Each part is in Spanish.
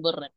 Borraché.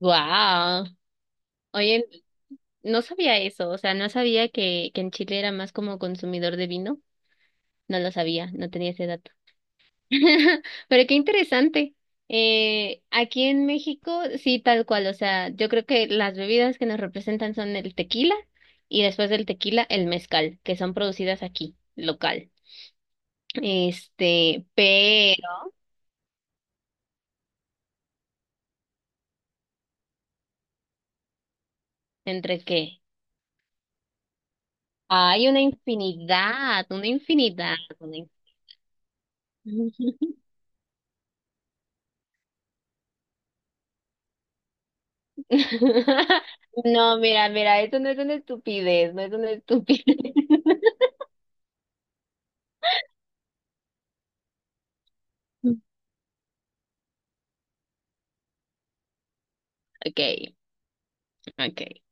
Wow. Oye, no sabía eso, o sea, no sabía que en Chile era más como consumidor de vino. No lo sabía, no tenía ese dato. Pero qué interesante. Aquí en México, sí, tal cual, o sea, yo creo que las bebidas que nos representan son el tequila y después del tequila el mezcal, que son producidas aquí, local. Pero entre qué hay una infinidad, una infinidad, una infinidad. No, mira, mira, esto no es una estupidez, no es una estupidez. Okay, okay.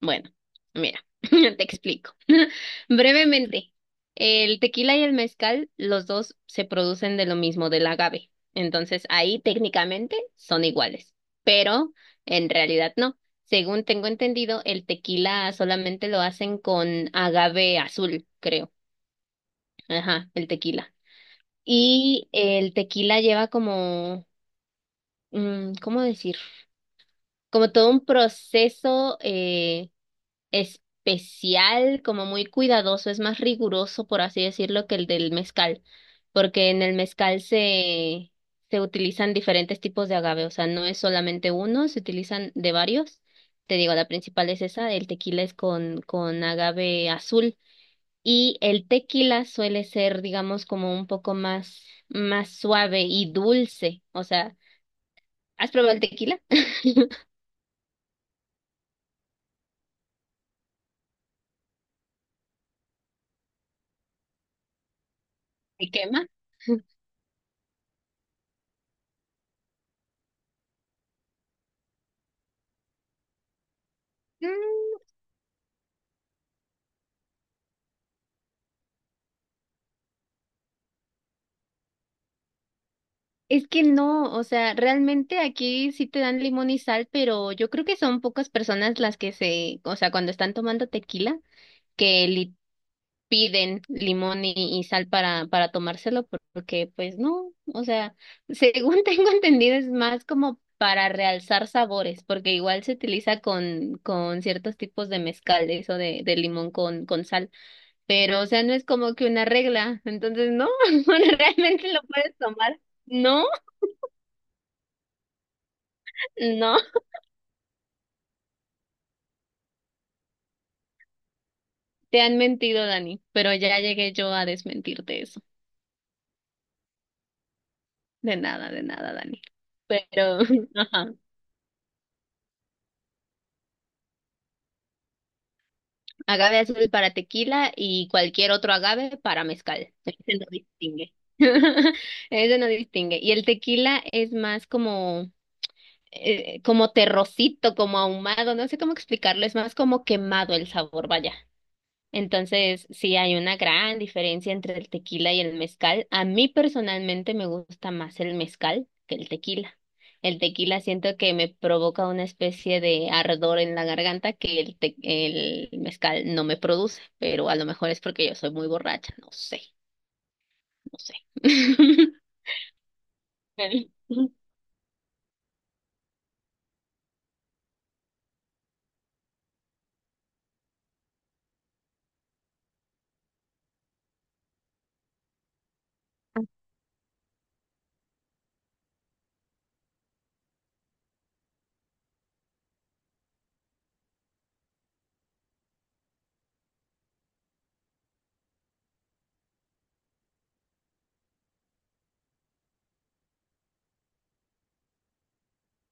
Bueno, mira, te explico. Brevemente, el tequila y el mezcal, los dos se producen de lo mismo, del agave. Entonces, ahí técnicamente son iguales, pero en realidad no. Según tengo entendido, el tequila solamente lo hacen con agave azul, creo. Ajá, el tequila. Y el tequila lleva como ¿cómo decir? Como todo un proceso especial, como muy cuidadoso, es más riguroso, por así decirlo, que el del mezcal, porque en el mezcal se utilizan diferentes tipos de agave, o sea, no es solamente uno, se utilizan de varios. Te digo, la principal es esa, el tequila es con agave azul y el tequila suele ser, digamos, como un poco más, más suave y dulce, o sea, ¿has probado el tequila? ¿Me quema? Mm, Es que no, o sea, realmente aquí sí te dan limón y sal, pero yo creo que son pocas personas las que se, o sea, cuando están tomando tequila, que le piden limón y sal para tomárselo, porque pues no, o sea, según tengo entendido es más como para realzar sabores, porque igual se utiliza con ciertos tipos de mezcales o de limón con sal. Pero, o sea, no es como que una regla, entonces no, realmente lo puedes tomar. No, no, te han mentido, Dani, pero ya llegué yo a desmentirte eso. De nada, Dani. Pero, ajá, agave azul para tequila y cualquier otro agave para mezcal. Ese no distingue. Ese no distingue. Y el tequila es más como, como terrocito, como ahumado, no sé cómo explicarlo, es más como quemado el sabor, vaya. Entonces, sí hay una gran diferencia entre el tequila y el mezcal. A mí personalmente me gusta más el mezcal que el tequila. El tequila siento que me provoca una especie de ardor en la garganta que el mezcal no me produce, pero a lo mejor es porque yo soy muy borracha, no sé, no sé.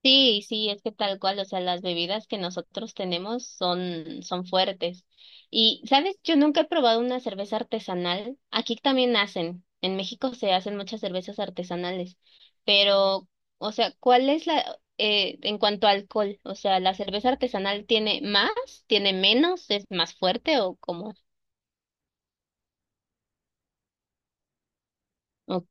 Sí, sí, es que tal cual, o sea, las bebidas que nosotros tenemos son, son fuertes. Y, ¿sabes? Yo nunca he probado una cerveza artesanal. Aquí también hacen, en México se hacen muchas cervezas artesanales, pero, o sea, ¿cuál es en cuanto a alcohol? O sea, ¿la cerveza artesanal tiene más, tiene menos, es más fuerte o cómo? O-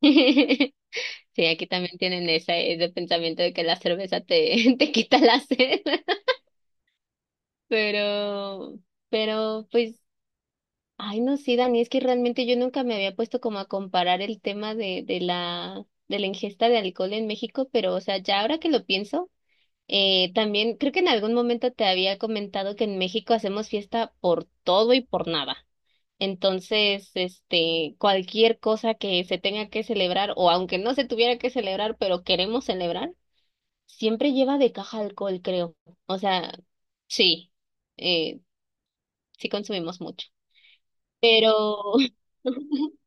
Sí, aquí también tienen esa- ese pensamiento de que la cerveza te, te quita la sed. Pero, pero, pues, ay, no, sí, Dani, es que realmente yo nunca me había puesto como a comparar el tema de la ingesta de alcohol en México, pero, o sea, ya ahora que lo pienso, también creo que en algún momento te había comentado que en México hacemos fiesta por todo y por nada. Entonces, cualquier cosa que se tenga que celebrar, o aunque no se tuviera que celebrar, pero queremos celebrar, siempre lleva de caja alcohol, creo. O sea, sí. eh, sí consumimos mucho. Pero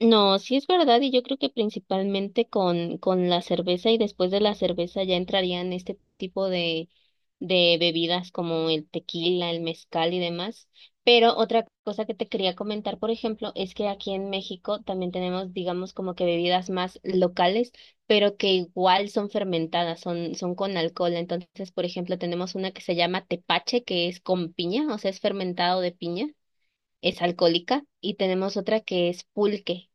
no, sí es verdad y yo creo que principalmente con la cerveza y después de la cerveza ya entrarían este tipo de bebidas como el tequila, el mezcal y demás. Pero otra cosa que te quería comentar, por ejemplo, es que aquí en México también tenemos, digamos, como que bebidas más locales, pero que igual son fermentadas, son, son con alcohol. Entonces, por ejemplo, tenemos una que se llama tepache, que es con piña, o sea, es fermentado de piña. Es alcohólica y tenemos otra que es pulque.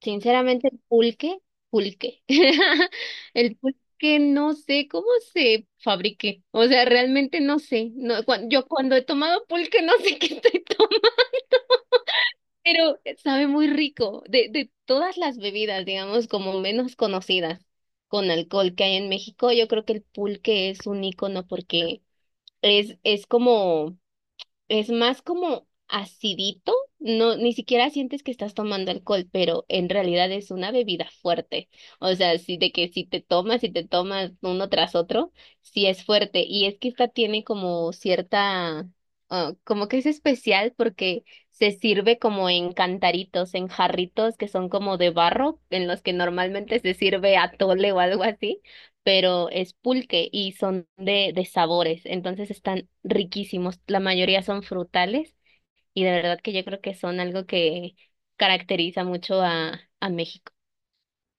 Sinceramente, el pulque, pulque. El pulque no sé cómo se fabrique. O sea, realmente no sé. No, cuan- yo cuando he tomado pulque no sé qué estoy tomando, pero sabe muy rico. De todas las bebidas, digamos, como menos conocidas con alcohol que hay en México, yo creo que el pulque es un icono porque es como. Es más como acidito, no, ni siquiera sientes que estás tomando alcohol, pero en realidad es una bebida fuerte. O sea, sí, de que si te tomas y te tomas uno tras otro, sí es fuerte. Y es que esta tiene como cierta, ah, como que es especial porque se sirve como en cantaritos, en jarritos que son como de barro, en los que normalmente se sirve atole o algo así, pero es pulque y son de sabores, entonces están riquísimos. La mayoría son frutales y de verdad que yo creo que son algo que caracteriza mucho a México.